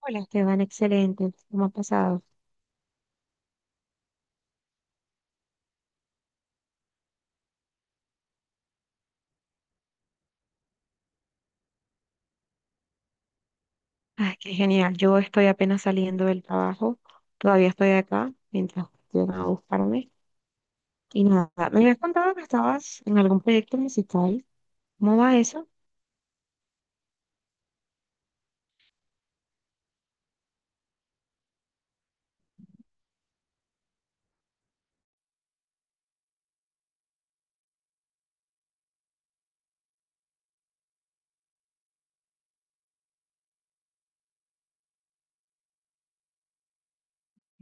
Hola Esteban, excelente. ¿Cómo ha pasado? Ay, qué genial. Yo estoy apenas saliendo del trabajo. Todavía estoy acá mientras llegan a buscarme. Y nada, me habías contado que estabas en algún proyecto musical. ¿Cómo va eso?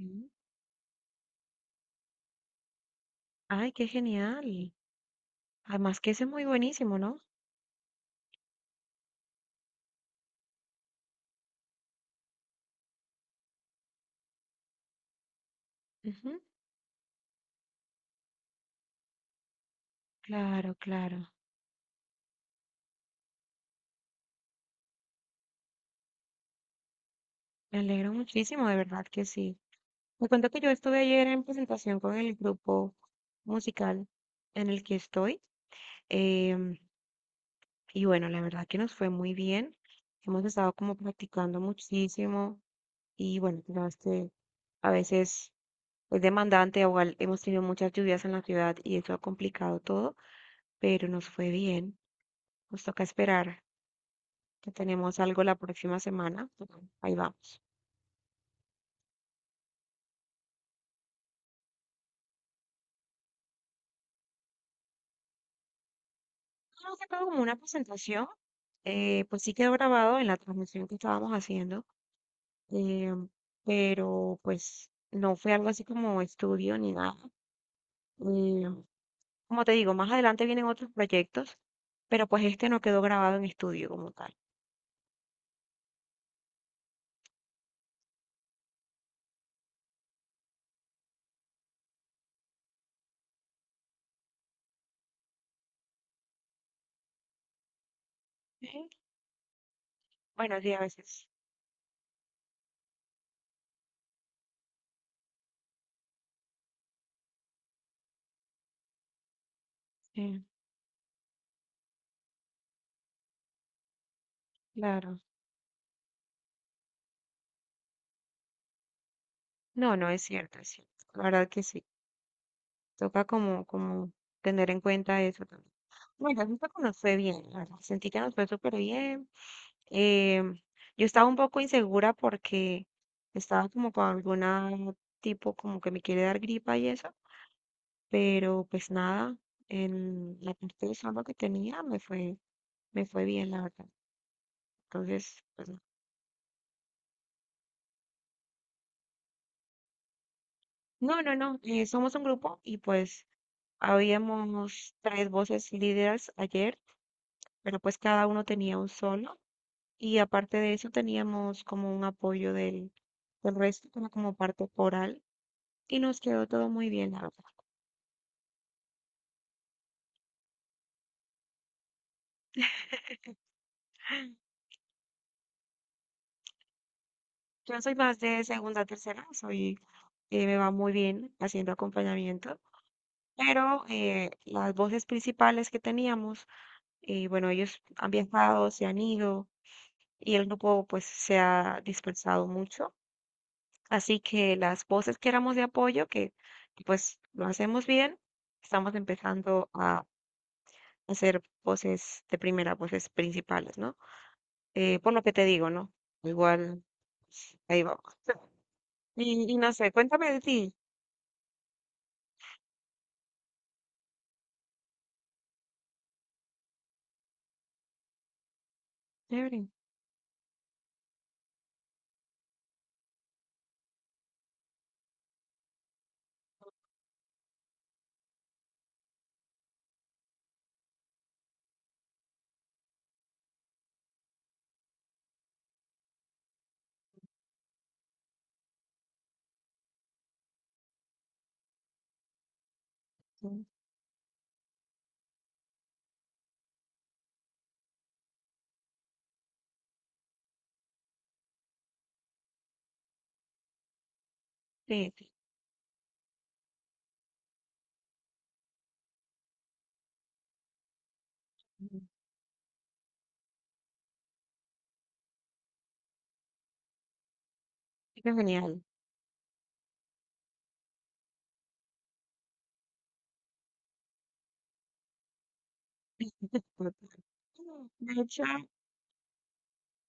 Mm. Ay, qué genial. Además que ese es muy buenísimo, ¿no? Ujú. Claro, claro. Me alegro muchísimo, de verdad que sí. Me cuento que yo estuve ayer en presentación con el grupo musical en el que estoy. em, Y bueno, la verdad que nos fue muy bien. Hemos estado como practicando muchísimo y bueno, tú sabes que a veces es demandante, igual hemos tenido muchas lluvias en la ciudad y eso ha complicado todo, pero nos fue bien. Nos toca esperar que tenemos algo la próxima semana. Ujú, ahí vamos. Hemos sacado como una presentación, pues sí quedó grabado en la transmisión que estábamos haciendo. em, pero pues no fue algo así como estudio ni nada. eh, Como te digo, más adelante vienen otros proyectos, pero pues este no quedó grabado en estudio como tal. Sí, bueno, sí, a veces. Sí, claro. No, no es cierto, es cierto. La verdad que sí. Toca como, como tener en cuenta eso también. Bueno, la que nos fue bien, la verdad. Sentí que nos fue súper bien. Em, yo estaba un poco insegura porque estaba como con alguna tipo como que me quiere dar gripa y eso, pero pues nada, en la parte de salud que tenía me fue. Me fue bien, la verdad. Entonces, pues, no. No, no, no, somos un grupo y pues habíamos tres voces líderes ayer, pero pues cada uno tenía un solo y aparte de eso teníamos como un apoyo del, del resto, como, como parte coral y nos quedó todo muy bien, la verdad. Yo soy más de segunda, tercera, soy, me va muy bien haciendo acompañamiento, pero las voces principales que teníamos, bueno, ellos han viajado, se han ido y el grupo pues se ha dispersado mucho. Así que las voces que éramos de apoyo, que pues lo hacemos bien, estamos empezando a hacer voces de primera, voces principales, ¿no? Por lo que te digo, ¿no? Igual, pues, ahí vamos. Y no sé, cuéntame de ti. Chévere. Sí, sí. Sí. Ujú. Qué genial. De hecho,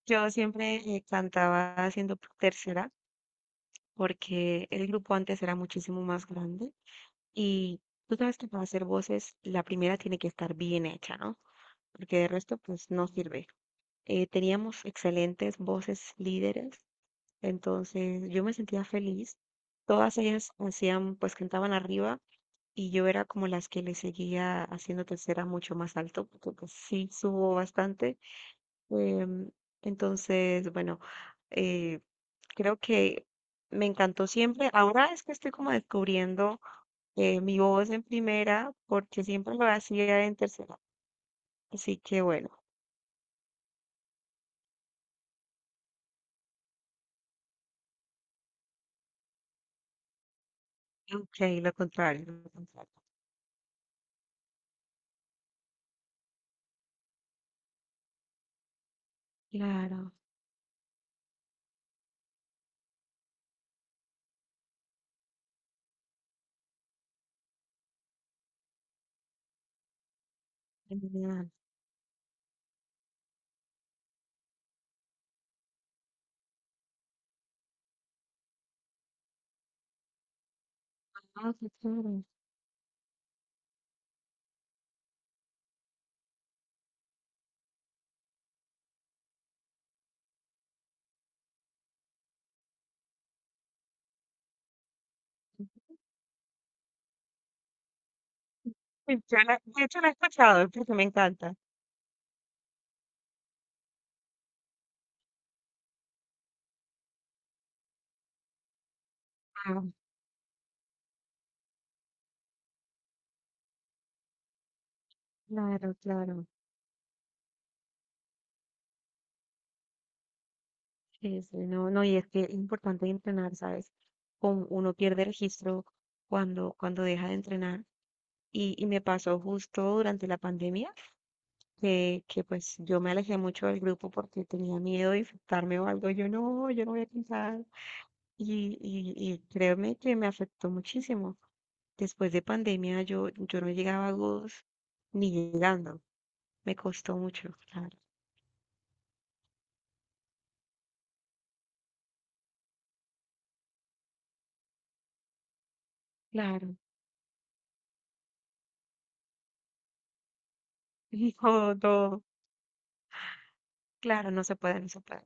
yo siempre cantaba haciendo tercera porque el grupo antes era muchísimo más grande. Y tú sabes que para hacer voces, la primera tiene que estar bien hecha, ¿no? Porque de resto, pues no sirve. Teníamos excelentes voces líderes, entonces yo me sentía feliz. Todas ellas hacían, pues cantaban arriba y yo era como las que le seguía haciendo tercera mucho más alto, porque pues sí subo bastante. Em, entonces, bueno, eh, creo que me encantó siempre. Ahora es que estoy como descubriendo mi voz en primera, porque siempre lo hacía en tercera. Así que bueno, ok, lo contrario, lo contrario. Claro. Genial. Ah, qué chévere. Sí, yo la- de hecho, la he escuchado porque me encanta. Ah, claro, claro. Sí, sí, no, no, y es que es importante entrenar, ¿sabes? Con- uno pierde registro cuando, cuando deja de entrenar. Y me pasó justo durante la pandemia que pues yo me alejé mucho del grupo porque tenía miedo de infectarme o algo. Yo no, yo no voy a cantar. Y créeme que me afectó muchísimo. Después de pandemia yo no llegaba a Good's ni llegando. Me costó mucho, claro. Claro. No, no, claro, no se puede, no se puede.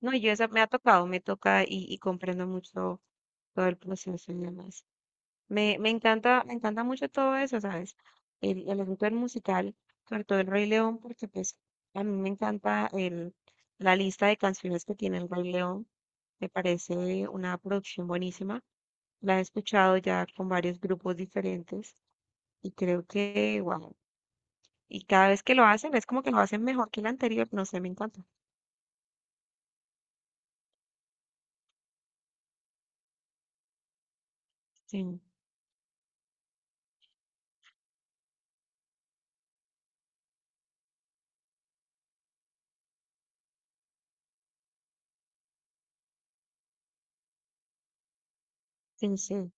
No, yo esa me ha tocado, me toca y comprendo mucho todo el proceso y demás. Me encanta, me encanta mucho todo eso, ¿sabes? El asunto del musical, sobre todo el Rey León, porque pues a mí me encanta la lista de canciones que tiene el Rey León. Me parece una producción buenísima. La he escuchado ya con varios grupos diferentes y creo que, wow. Y cada vez que lo hacen es como que lo hacen mejor que el anterior. No sé, me encanta. Sí, sí, sí.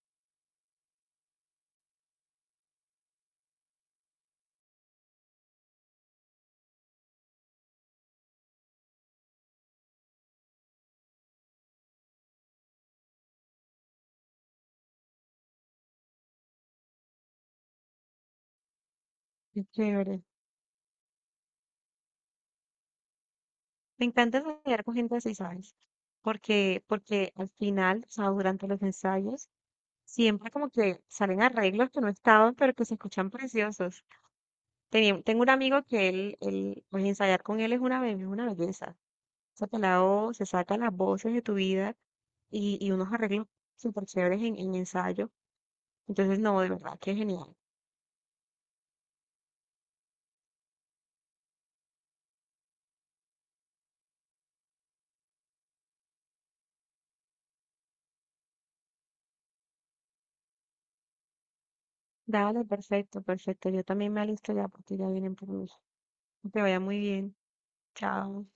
Qué chévere. Me encanta ensayar con gente así, ¿sabes? Porque, porque al final, o sea, durante los ensayos, siempre como que salen arreglos que no estaban, pero que se escuchan preciosos. Tenía- tengo un amigo que pues ensayar con él es una, be- una belleza. Saca la voz, se saca las voces de tu vida y unos arreglos súper chéveres en ensayo. Entonces, no, de verdad que genial. Dale, perfecto, perfecto. Yo también me alisto ya porque ya vienen por mí. Que te vaya muy bien. Chao.